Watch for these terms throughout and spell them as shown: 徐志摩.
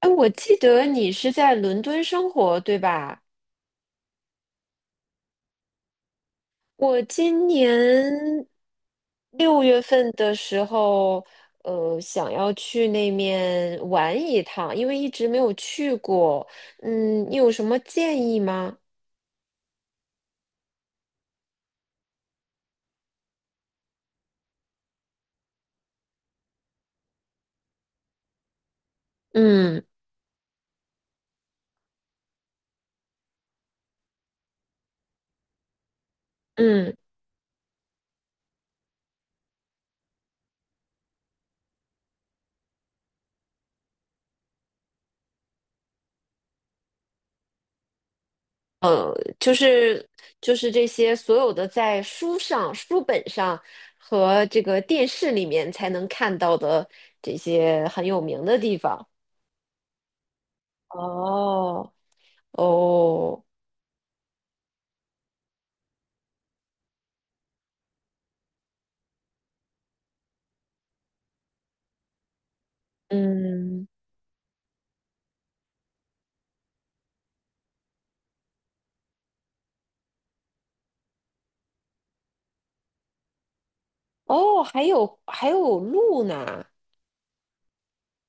哎，我记得你是在伦敦生活，对吧？我今年六月份的时候，想要去那面玩一趟，因为一直没有去过。嗯，你有什么建议吗？嗯嗯，呃，就是就是这些所有的在书上、书本上和这个电视里面才能看到的这些很有名的地方。哦哦。嗯，哦，还有路呢，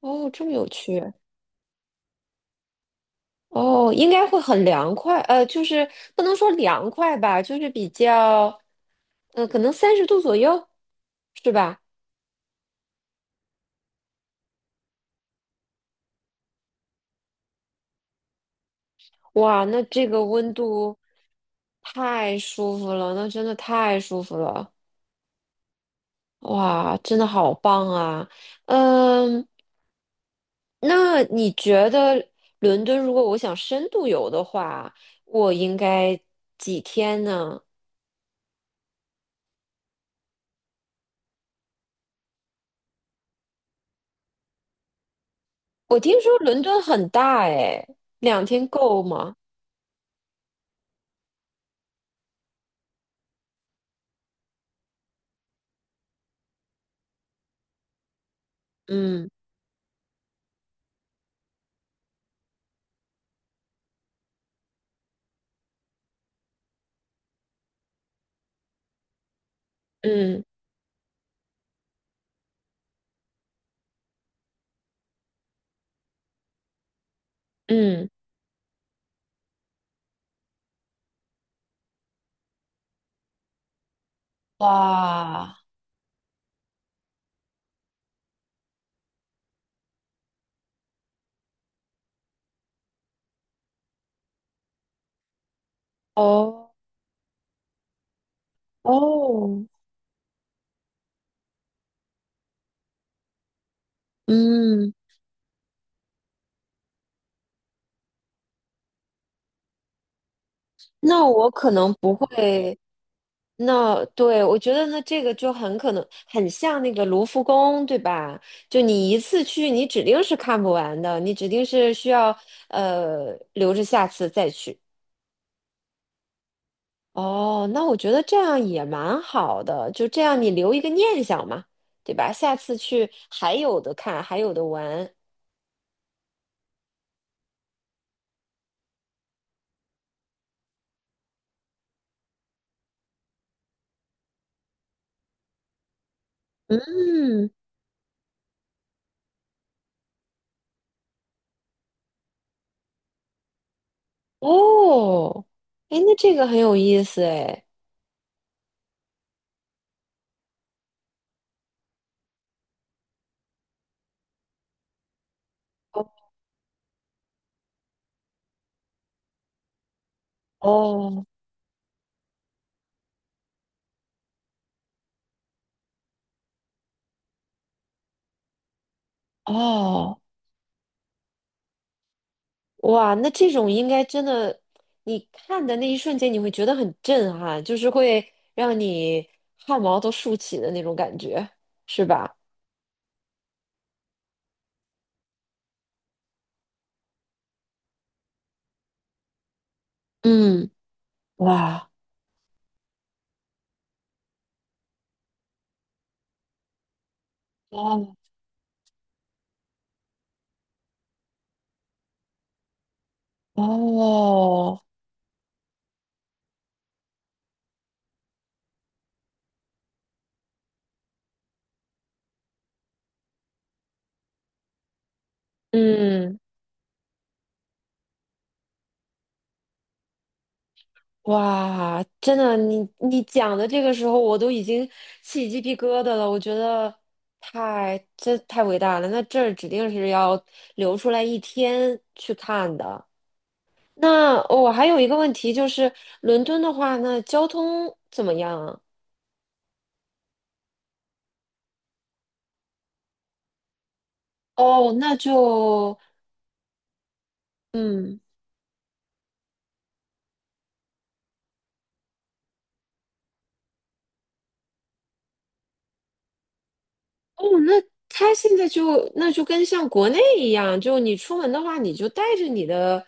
哦，这么有趣，哦，应该会很凉快，就是不能说凉快吧，就是比较，可能30度左右，是吧？哇，那这个温度太舒服了，那真的太舒服了，哇，真的好棒啊，嗯，那你觉得伦敦如果我想深度游的话，我应该几天呢？我听说伦敦很大诶，2天够吗？嗯嗯嗯，哇，哦哦，嗯，那我可能不会，那对，我觉得那这个就很可能很像那个卢浮宫，对吧？就你一次去，你指定是看不完的，你指定是需要留着下次再去。哦，那我觉得这样也蛮好的，就这样你留一个念想嘛，对吧？下次去还有的看，还有的玩。嗯，哦，哎，那这个很有意思哎。哦哦哦，哇，那这种应该真的，你看的那一瞬间你会觉得很震撼，就是会让你汗毛都竖起的那种感觉，是吧？嗯，哇，哦哦，嗯。哇，真的，你讲的这个时候，我都已经起鸡皮疙瘩了。我觉得太，这太伟大了。那这儿指定是要留出来一天去看的。那我、哦、还有一个问题就是，伦敦的话，那交通怎么样啊？哦，那就，嗯，哦，那他现在就那就跟像国内一样，就你出门的话，你就带着你的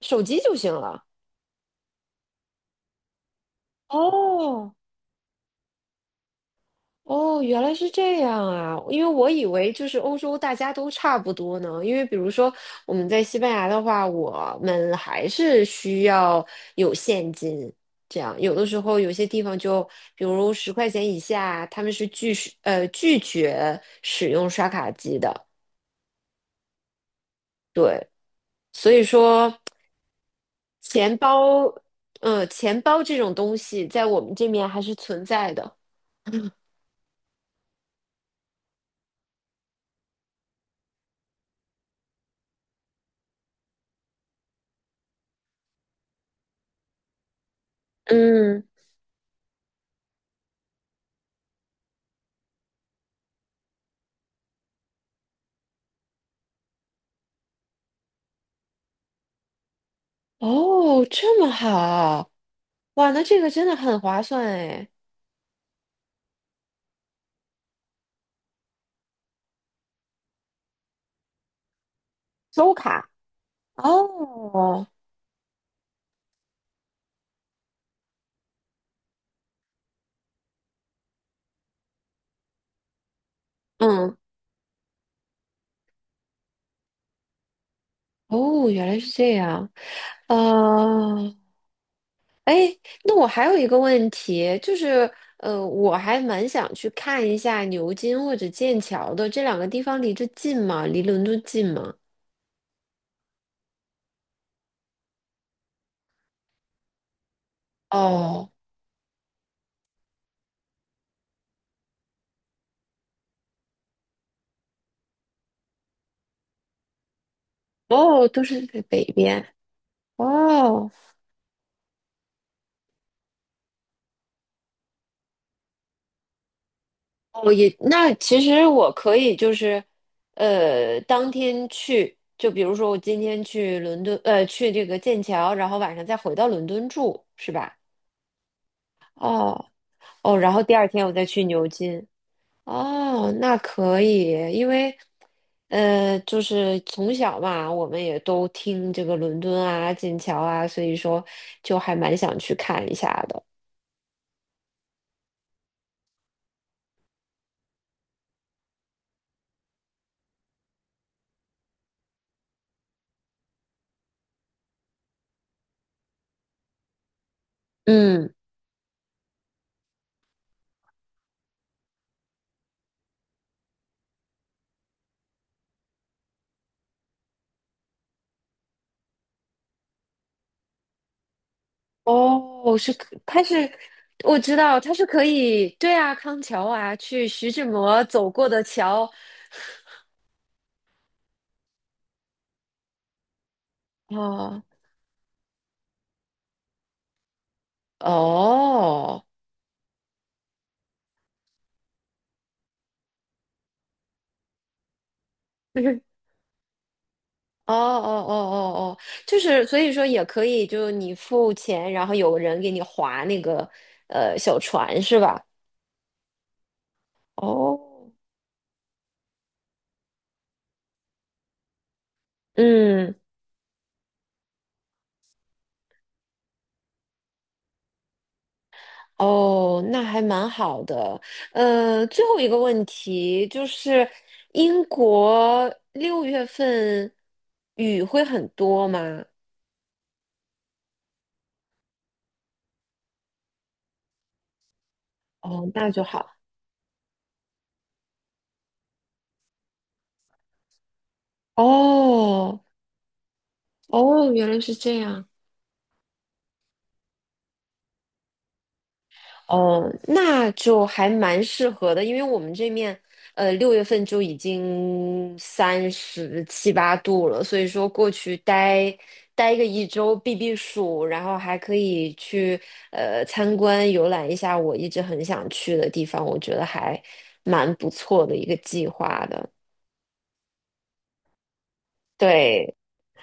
手机就行了。哦，哦，原来是这样啊！因为我以为就是欧洲大家都差不多呢。因为比如说我们在西班牙的话，我们还是需要有现金，这样有的时候有些地方就，比如10块钱以下，他们是拒绝使用刷卡机的。所以说，钱包，钱包这种东西在我们这面还是存在的。嗯，哦，这么好，哇，那这个真的很划算哎。周卡。哦，嗯，哦，原来是这样。啊，哎，那我还有一个问题，就是我还蛮想去看一下牛津或者剑桥的这两个地方，离这近吗？离伦敦近吗？哦，哦，都是在北边。哦，哦，也，那其实我可以就是，当天去，就比如说我今天去伦敦，去这个剑桥，然后晚上再回到伦敦住，是吧？哦哦，然后第二天我再去牛津。哦，那可以，因为就是从小嘛，我们也都听这个伦敦啊、剑桥啊，所以说就还蛮想去看一下的。嗯，哦，是可，它是我知道它是可以，对啊，康桥啊，去徐志摩走过的桥。哦哦，哦哦哦哦哦，就是所以说也可以，就你付钱，然后有个人给你划那个小船是吧？哦，嗯，哦，那还蛮好的。最后一个问题就是英国六月份雨会很多吗？哦，那就好。哦哦，原来是这样。哦，那就还蛮适合的，因为我们这面，六月份就已经37、38度了，所以说过去待个一周避避暑，然后还可以去参观游览一下我一直很想去的地方，我觉得还蛮不错的一个计划的。对，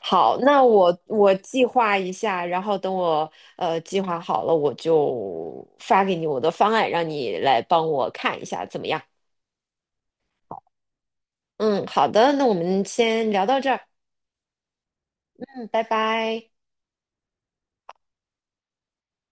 好，那我计划一下，然后等我计划好了，我就发给你我的方案，让你来帮我看一下怎么样？嗯，好的，那我们先聊到这儿，嗯，拜拜。